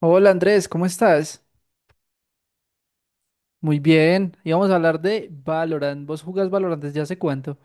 Hola Andrés, ¿cómo estás? Muy bien, íbamos a hablar de Valorant. ¿Vos jugás Valorant desde hace cuánto?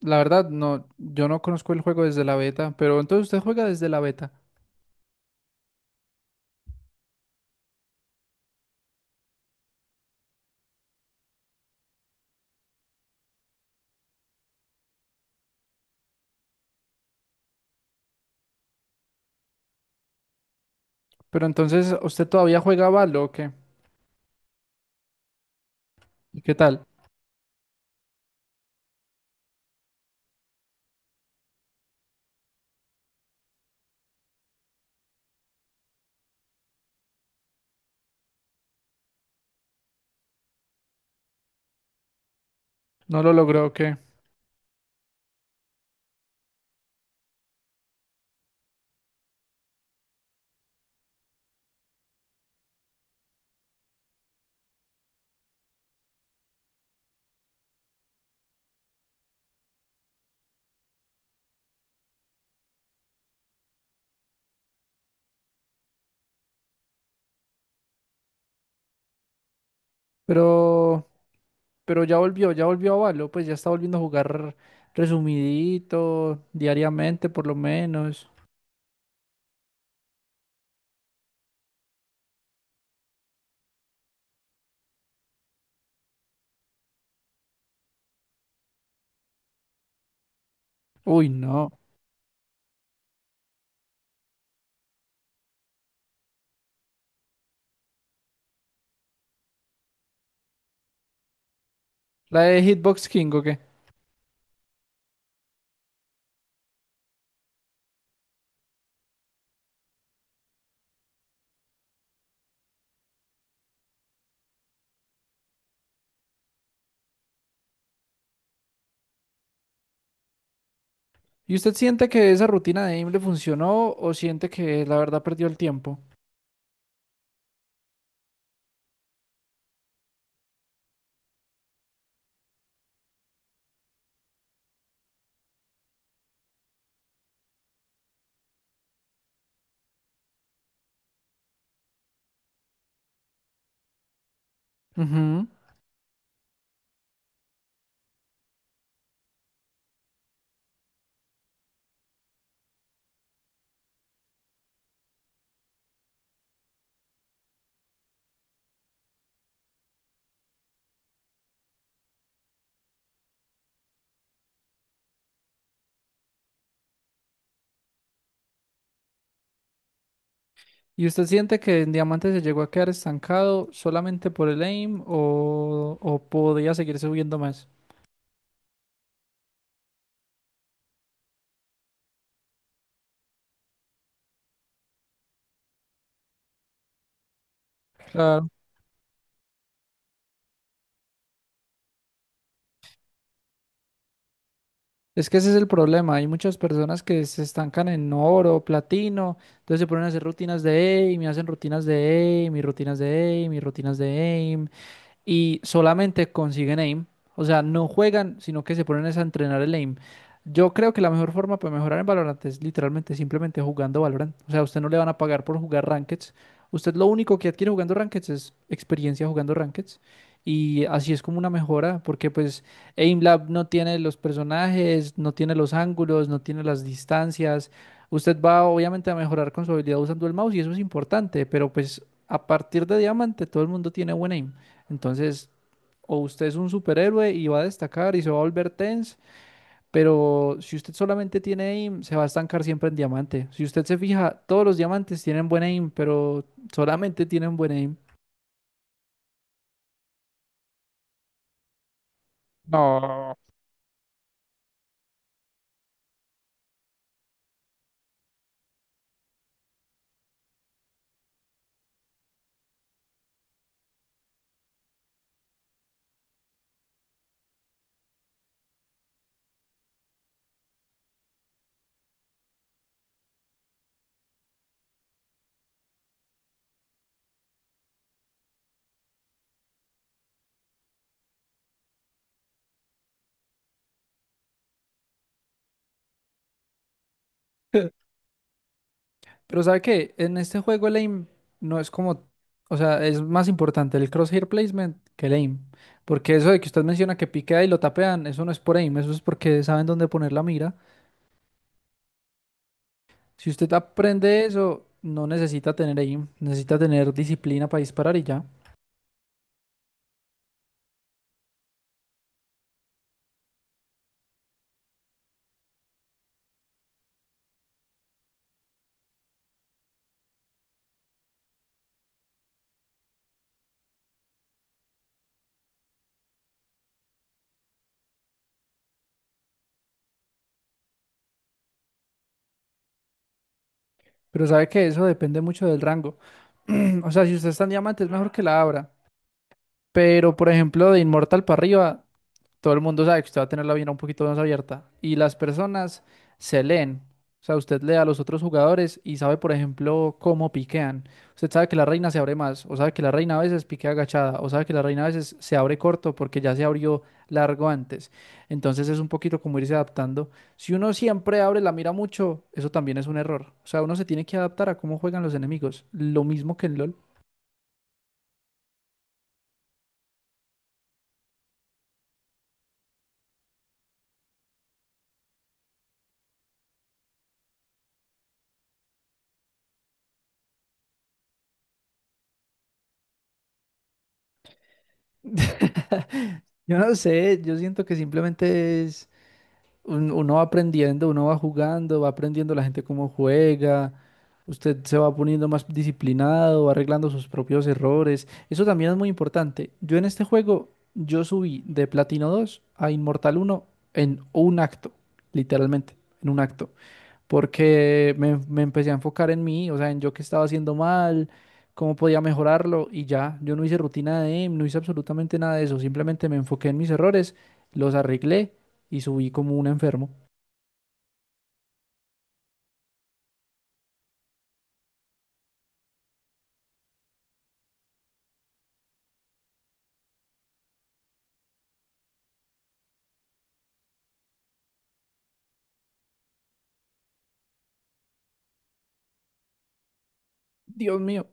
La verdad, no, yo no conozco el juego desde la beta, pero entonces usted juega desde la beta. Pero entonces, ¿usted todavía juega Valo o qué? ¿Y qué tal? ¿No lo logró o qué? Pero, pero ya volvió a Valo, pues ya está volviendo a jugar resumidito, diariamente por lo menos. Uy, no. ¿La de Hitbox King o qué? ¿Y usted siente que esa rutina de aim le funcionó o siente que la verdad perdió el tiempo? Ujú. ¿Y usted siente que en Diamante se llegó a quedar estancado solamente por el aim o podía seguir subiendo más? Claro. Es que ese es el problema. Hay muchas personas que se estancan en oro, platino, entonces se ponen a hacer rutinas de aim y hacen rutinas de aim y rutinas de aim y rutinas de aim y solamente consiguen aim. O sea, no juegan, sino que se ponen es a entrenar el aim. Yo creo que la mejor forma para mejorar en Valorant es literalmente simplemente jugando Valorant. O sea, a usted no le van a pagar por jugar Rankeds. Usted lo único que adquiere jugando Rankeds es experiencia jugando Rankeds. Y así es como una mejora, porque pues AimLab no tiene los personajes, no tiene los ángulos, no tiene las distancias. Usted va obviamente a mejorar con su habilidad usando el mouse y eso es importante, pero pues a partir de diamante todo el mundo tiene buen aim. Entonces, o usted es un superhéroe y va a destacar y se va a volver tense, pero si usted solamente tiene aim, se va a estancar siempre en diamante. Si usted se fija, todos los diamantes tienen buen aim, pero solamente tienen buen aim. No. Pero ¿sabe qué? En este juego el aim no es como, o sea, es más importante el crosshair placement que el aim. Porque eso de que usted menciona que piquea y lo tapean, eso no es por aim, eso es porque saben dónde poner la mira. Si usted aprende eso, no necesita tener aim, necesita tener disciplina para disparar y ya. Pero sabe que eso depende mucho del rango. O sea, si usted está en diamante es mejor que la abra. Pero, por ejemplo, de inmortal para arriba, todo el mundo sabe que usted va a tener la vena un poquito más abierta y las personas se leen. O sea, usted lee a los otros jugadores y sabe, por ejemplo, cómo piquean. Usted sabe que la reina se abre más, o sabe que la reina a veces piquea agachada, o sabe que la reina a veces se abre corto porque ya se abrió largo antes. Entonces es un poquito como irse adaptando. Si uno siempre abre la mira mucho, eso también es un error. O sea, uno se tiene que adaptar a cómo juegan los enemigos. Lo mismo que en LOL. Yo no sé, yo siento que simplemente es uno va aprendiendo, uno va jugando, va aprendiendo la gente cómo juega, usted se va poniendo más disciplinado, va arreglando sus propios errores. Eso también es muy importante. Yo en este juego, yo subí de Platino 2 a Inmortal uno en un acto, literalmente, en un acto porque me empecé a enfocar en mí, o sea, en yo qué estaba haciendo mal, cómo podía mejorarlo y ya, yo no hice rutina de aim, no hice absolutamente nada de eso, simplemente me enfoqué en mis errores, los arreglé y subí como un enfermo. Dios mío.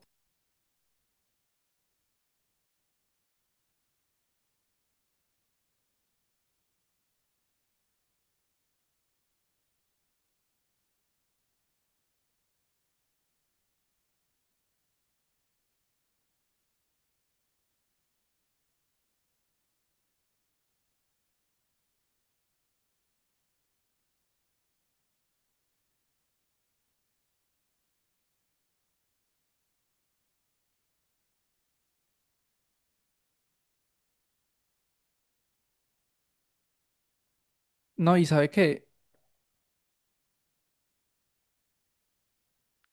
No, y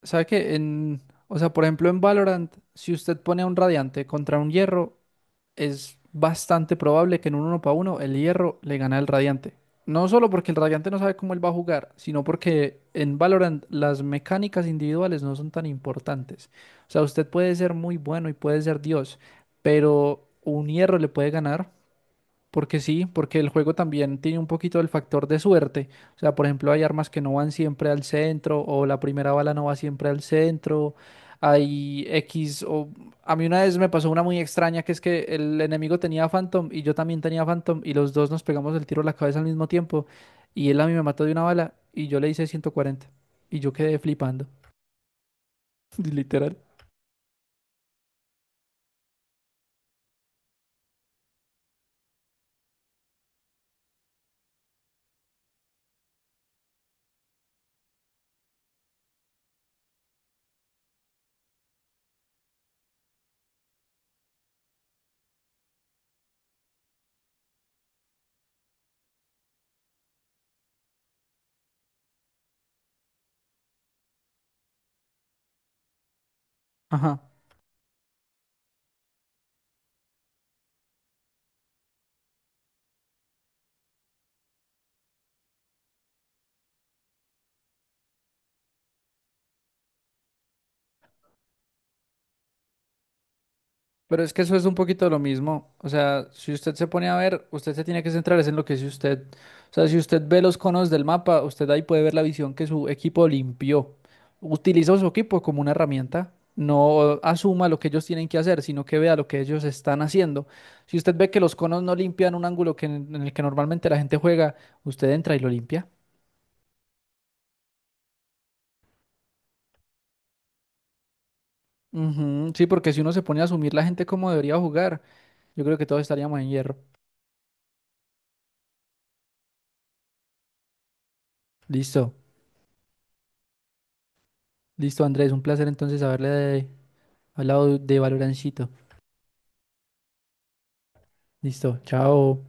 sabe que en, o sea, por ejemplo en Valorant, si usted pone a un radiante contra un hierro, es bastante probable que en un uno para uno el Hierro le gane al Radiante. No solo porque el Radiante no sabe cómo él va a jugar, sino porque en Valorant las mecánicas individuales no son tan importantes. O sea, usted puede ser muy bueno y puede ser Dios, pero un Hierro le puede ganar porque sí, porque el juego también tiene un poquito del factor de suerte. O sea, por ejemplo, hay armas que no van siempre al centro o la primera bala no va siempre al centro. Hay X o... A mí una vez me pasó una muy extraña que es que el enemigo tenía Phantom y yo también tenía Phantom y los dos nos pegamos el tiro a la cabeza al mismo tiempo y él a mí me mató de una bala y yo le hice 140 y yo quedé flipando, literal. Ajá. Pero es que eso es un poquito lo mismo. O sea, si usted se pone a ver, usted se tiene que centrar es en lo que es usted. O sea, si usted ve los conos del mapa, usted ahí puede ver la visión que su equipo limpió. Utiliza su equipo como una herramienta. No asuma lo que ellos tienen que hacer, sino que vea lo que ellos están haciendo. Si usted ve que los conos no limpian un ángulo que en el que normalmente la gente juega, usted entra y lo limpia. Ujú. Sí, porque si uno se pone a asumir la gente como debería jugar, yo creo que todos estaríamos en hierro. Listo, listo, Andrés, un placer entonces haberle hablado de Valorancito. Listo, chao.